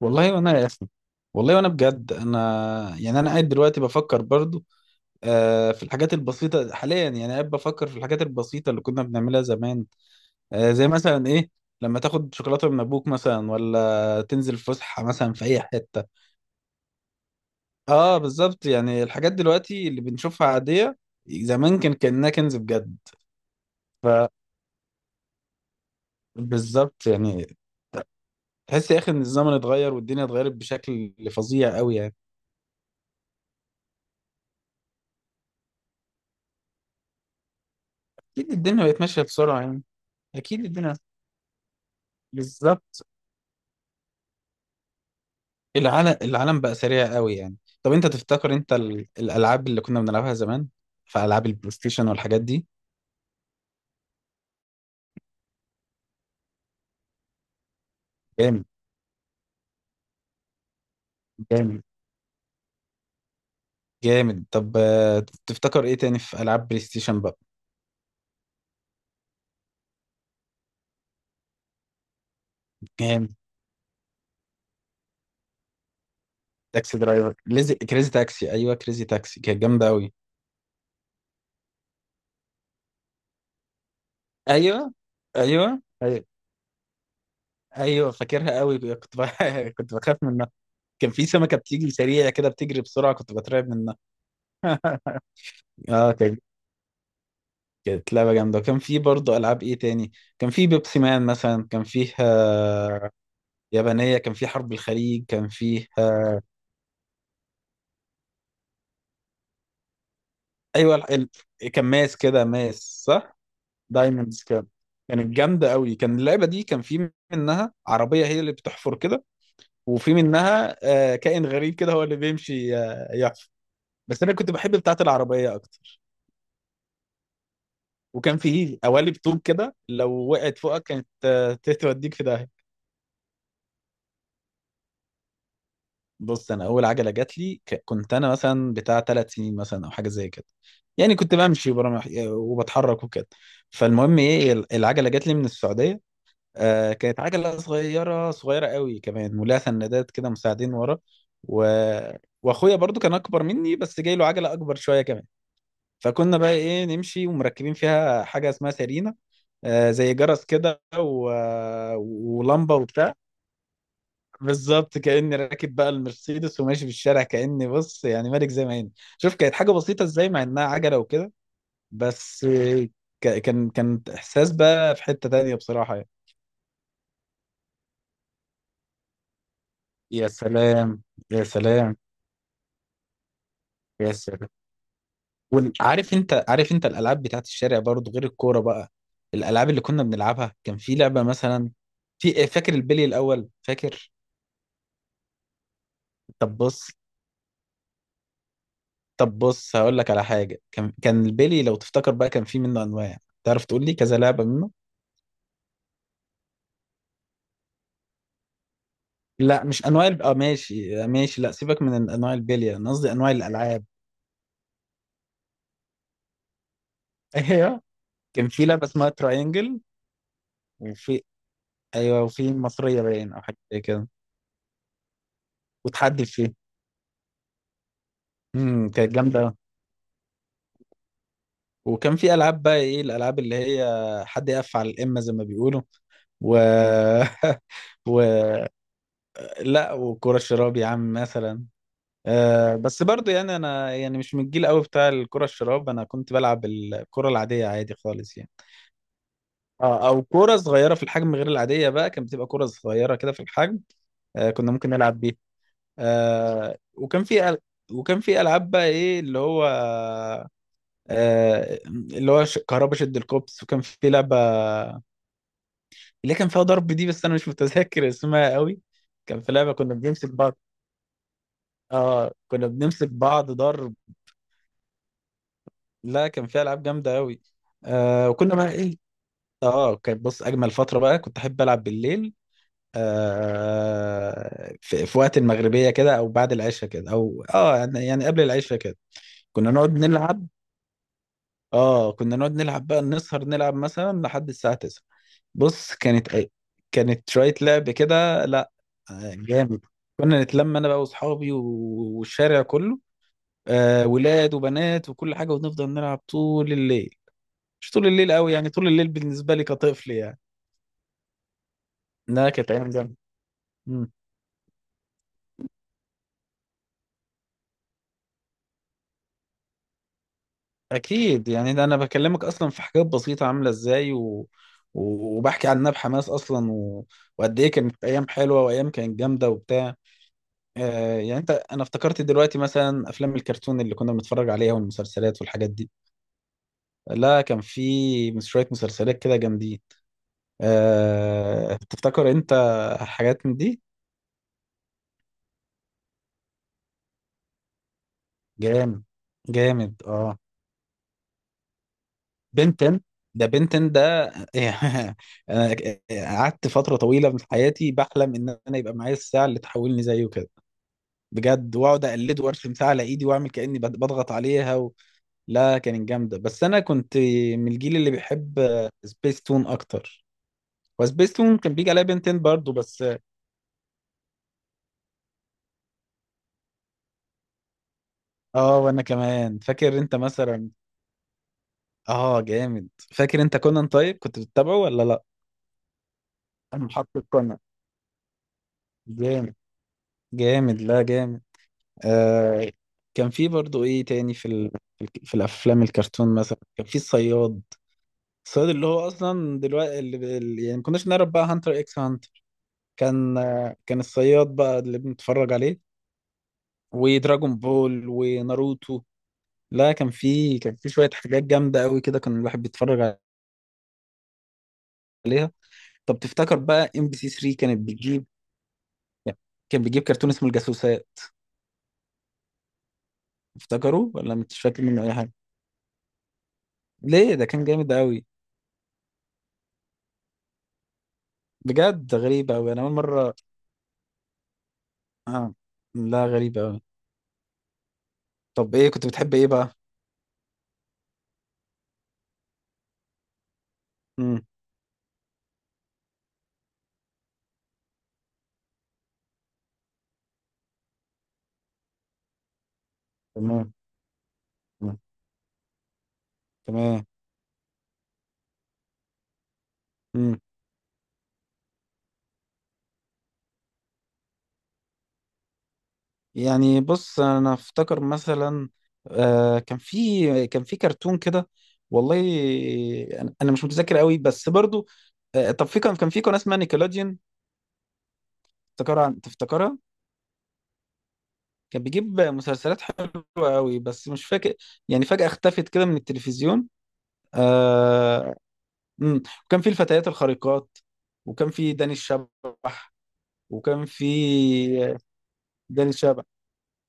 والله وانا يا اسف. والله وانا بجد، يعني انا قاعد دلوقتي بفكر برضو. في الحاجات البسيطه حاليا، يعني قاعد بفكر في الحاجات البسيطه اللي كنا بنعملها زمان. زي مثلا ايه؟ لما تاخد شوكولاته من ابوك مثلا، ولا تنزل فسحه مثلا في اي حته. اه، بالظبط، يعني الحاجات دلوقتي اللي بنشوفها عاديه، زمان كانها كنز بجد. فبالظبط يعني، تحس يا اخي ان الزمن اتغير والدنيا اتغيرت بشكل فظيع قوي يعني. اكيد الدنيا بقت ماشيه بسرعه يعني. اكيد الدنيا، بالظبط، العالم بقى سريع قوي يعني. طب انت تفتكر الالعاب اللي كنا بنلعبها زمان، في العاب البلاي ستيشن والحاجات دي. جامد. جامد. جامد. طب تفتكر ايه تاني في العاب بلاي ستيشن بقى؟ جامد. تاكسي درايفر، كريزي تاكسي، ايوه، كريزي تاكسي كانت جامده قوي. ايوه، ايوه. ايوه، ايوه فاكرها قوي. كنت بخاف منها. كان في سمكه بتيجي سريعه كده، بتجري بسرعه، كنت بترعب منها. اه، كانت لعبة جامدة، وكان في برضه ألعاب. إيه تاني؟ كان في بيبسي مان مثلا كان فيها، يابانية، كان في حرب الخليج كان فيها. أيوة، كان ماس كده، ماس صح؟ دايموندز كانت جامدة قوي، كان اللعبة دي كان في منها عربية هي اللي بتحفر كده، وفي منها كائن غريب كده هو اللي بيمشي يحفر. بس أنا كنت بحب بتاعة العربية أكتر. وكان في قوالب طوب كده لو وقعت فوقك كانت، توديك في داهية. بص، انا اول عجله جات لي كنت انا مثلا بتاع 3 سنين مثلا او حاجه زي كده، يعني كنت بمشي وبتحرك وكده. فالمهم، ايه، العجله جات لي من السعوديه. كانت عجله صغيره صغيره قوي كمان، ولها سندات كده مساعدين ورا. و... واخويا برضو كان اكبر مني، بس جاي له عجله اكبر شويه كمان. فكنا بقى، ايه، نمشي ومركبين فيها حاجه اسمها سيرينا، زي جرس كده، ولمبه وبتاع. بالظبط كأني راكب بقى المرسيدس وماشي في الشارع، كأني، بص، يعني، ملك زي ما هنا. شوف كانت حاجة بسيطة ازاي، مع انها عجلة وكده. بس كان احساس بقى في حتة تانية بصراحة يعني. يا سلام، يا سلام، يا سلام. وعارف انت، عارف انت الالعاب بتاعت الشارع برضو، غير الكورة بقى. الالعاب اللي كنا بنلعبها، كان في لعبة مثلا، في، إيه، فاكر البلي الاول؟ فاكر. طب بص طب بص هقول لك على حاجة، كان البلي، لو تفتكر بقى، كان في منه انواع. تعرف تقول لي كذا لعبة منه؟ لا، مش انواع اه، ماشي ماشي، لا سيبك من انواع البلية، انا قصدي انواع الالعاب. ايوه، كان في لعبه اسمها تراينجل. وفي، ايوه، وفي مصريه باين او حاجه زي كده، وتحدي فيه. كانت جامده أوي. وكان في العاب بقى، ايه الالعاب اللي هي حد يقف على الامه زي ما بيقولوا، و و، لا، وكره الشراب يا عم مثلا. بس برضو يعني، انا يعني مش من الجيل قوي بتاع الكره الشراب، انا كنت بلعب الكره العاديه عادي خالص يعني. اه، او كوره صغيره في الحجم غير العاديه بقى، كانت بتبقى كوره صغيره كده في الحجم، كنا ممكن نلعب بيها. وكان في وكان في العاب بقى، ايه اللي هو، كهربا، شد الكوبس، وكان في لعبه اللي كان فيها ضرب دي، بس انا مش متذكر اسمها قوي. كان في لعبه كنا بنمسك بعض. اه، كنا بنمسك بعض ضرب. لا، كان فيها العاب جامده قوي. وكنا بقى، ايه، اه، كانت، بص، اجمل فتره بقى كنت احب العب بالليل، في وقت المغربية كده، أو بعد العشاء كده، أو يعني قبل العشاء كده. كنا نقعد نلعب كنا نقعد نلعب بقى، نسهر نلعب مثلا لحد الساعة 9. بص، كانت شوية لعب كده، لا، جامد. كنا نتلم أنا بقى وأصحابي والشارع كله، ولاد وبنات وكل حاجة، ونفضل نلعب طول الليل. مش طول الليل قوي يعني، طول الليل بالنسبة لي كطفل يعني. لا، كانت أيام جامدة. اكيد يعني، ده انا بكلمك اصلا في حاجات بسيطه عامله ازاي، وبحكي عنها بحماس اصلا، وقد ايه كانت ايام حلوه، وايام كانت جامده وبتاع. يعني انا افتكرت دلوقتي مثلا افلام الكرتون اللي كنا بنتفرج عليها، والمسلسلات والحاجات دي. لا، كان في شويه مسلسلات كده جامدين. تفتكر انت حاجات من دي؟ جامد. جامد، اه. بنتن ده، بنتن ده. انا قعدت فتره طويله من حياتي بحلم ان انا يبقى معايا الساعه اللي تحولني زيه كده، بجد، واقعد اقلده وارسم ساعه على ايدي واعمل كاني بضغط عليها، لا، كانت جامده، بس انا كنت من الجيل اللي بيحب سبيس تون اكتر. وسبيس تون كان بيجي عليا بنتين برضو بس. اه، وانا كمان فاكر. انت مثلا، اه، جامد. فاكر انت كونان؟ طيب كنت بتتابعه ولا لا؟ انا محقق كونان. جامد. جامد. لا، جامد. آه كان في برضو، ايه تاني، في الافلام الكرتون مثلا، كان في الصياد. الصياد، اللي هو اصلا دلوقتي، يعني، ما كناش نعرف بقى، هانتر اكس هانتر. كان الصياد بقى اللي بنتفرج عليه، ودراجون بول، وناروتو. لا، كان في شوية حاجات جامدة قوي كده كان الواحد بيتفرج عليها. طب تفتكر بقى ام بي سي 3 كانت بتجيب، يعني، كان بيجيب كرتون اسمه الجاسوسات؟ تفتكره ولا مش فاكر منه اي حاجة؟ ليه؟ ده كان جامد قوي، بجد. غريب قوي، انا اول مرة. اه، لا، غريبة أوي. طب إيه كنت بتحب إيه بقى؟ مم. تمام. مم. تمام. مم. يعني، بص، أنا أفتكر مثلا، كان في كرتون كده. والله أنا مش متذكر قوي بس برضو، طب في كان كان في قناة اسمها نيكلوديون، تفتكرها؟ تفتكرها؟ كان بيجيب مسلسلات حلوة قوي، بس مش فاكر، يعني فجأة اختفت كده من التلفزيون. آه. مم. وكان في الفتيات الخارقات، وكان في داني الشبح. وكان في داني شبح،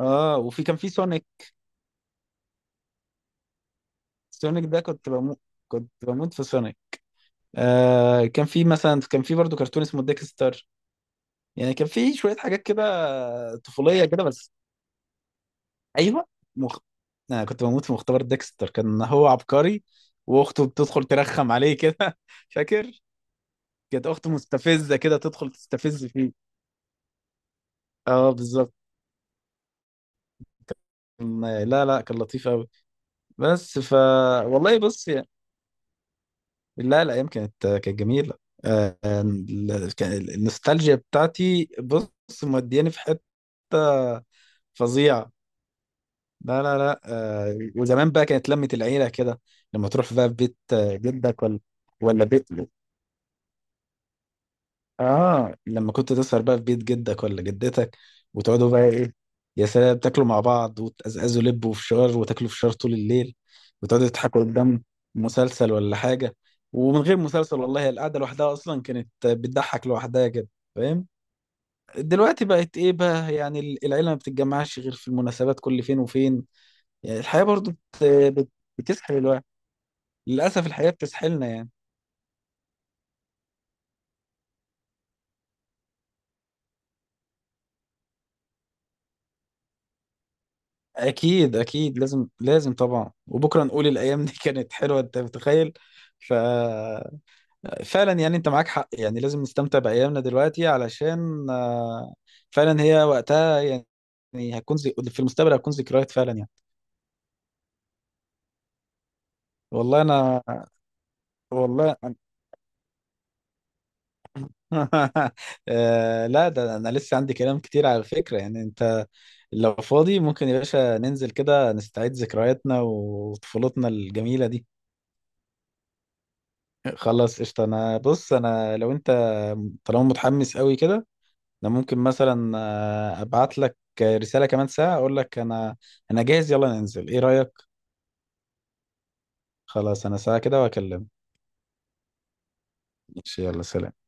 اه. وفي كان في سونيك. سونيك ده كنت بموت، كنت بموت في سونيك. كان في كرتون اسمه ديكستر، يعني كان في شوية حاجات كده طفولية كده بس. ايوه، مخ... انا كنت بموت في مختبر ديكستر، كان هو عبقري، واخته بتدخل ترخم عليه كده. فاكر؟ كانت اخته مستفزة كده، تدخل تستفز فيه. اه، بالظبط، لا لا، كان لطيف قوي. بس ف والله بص يعني، لا، الايام كانت جميله. النوستالجيا بتاعتي، بص، مودياني في حته فظيعه. لا لا لا، وزمان بقى كانت لمه العيله كده، لما تروح بقى في بيت، جدك ولا، ولا بيت، اه، لما كنت تسهر بقى في بيت جدك ولا جدتك، وتقعدوا بقى، ايه، يا سلام، تاكلوا مع بعض، وتقزقزوا لب وفشار، وتاكلوا فشار طول الليل، وتقعدوا تضحكوا قدام مسلسل ولا حاجة. ومن غير مسلسل، والله، هي القعدة لوحدها أصلا كانت بتضحك لوحدها كده. فاهم؟ دلوقتي بقت، ايه بقى، يعني، العيلة ما بتتجمعش غير في المناسبات كل فين وفين. يعني الحياة برضو بت- بتسحل الواحد، للأسف الحياة بتسحلنا يعني. اكيد، اكيد، لازم، لازم طبعا، وبكره نقول الايام دي كانت حلوه، انت متخيل؟ ف فعلا يعني، انت معاك حق، يعني لازم نستمتع بايامنا دلوقتي علشان، فعلا هي وقتها يعني، يعني هتكون زي، في المستقبل هتكون ذكريات فعلا يعني. والله انا والله أنا. لا، ده انا لسه عندي كلام كتير على فكره يعني. انت لو فاضي ممكن يا باشا ننزل كده، نستعيد ذكرياتنا وطفولتنا الجميله دي. خلاص، قشطة. انا بص، انا لو انت طالما متحمس قوي كده، انا ممكن مثلا، ابعت لك رسالة كمان ساعة اقول لك انا جاهز، يلا ننزل، ايه رأيك؟ خلاص، انا ساعة كده واكلمك. ماشي، يلا سلام.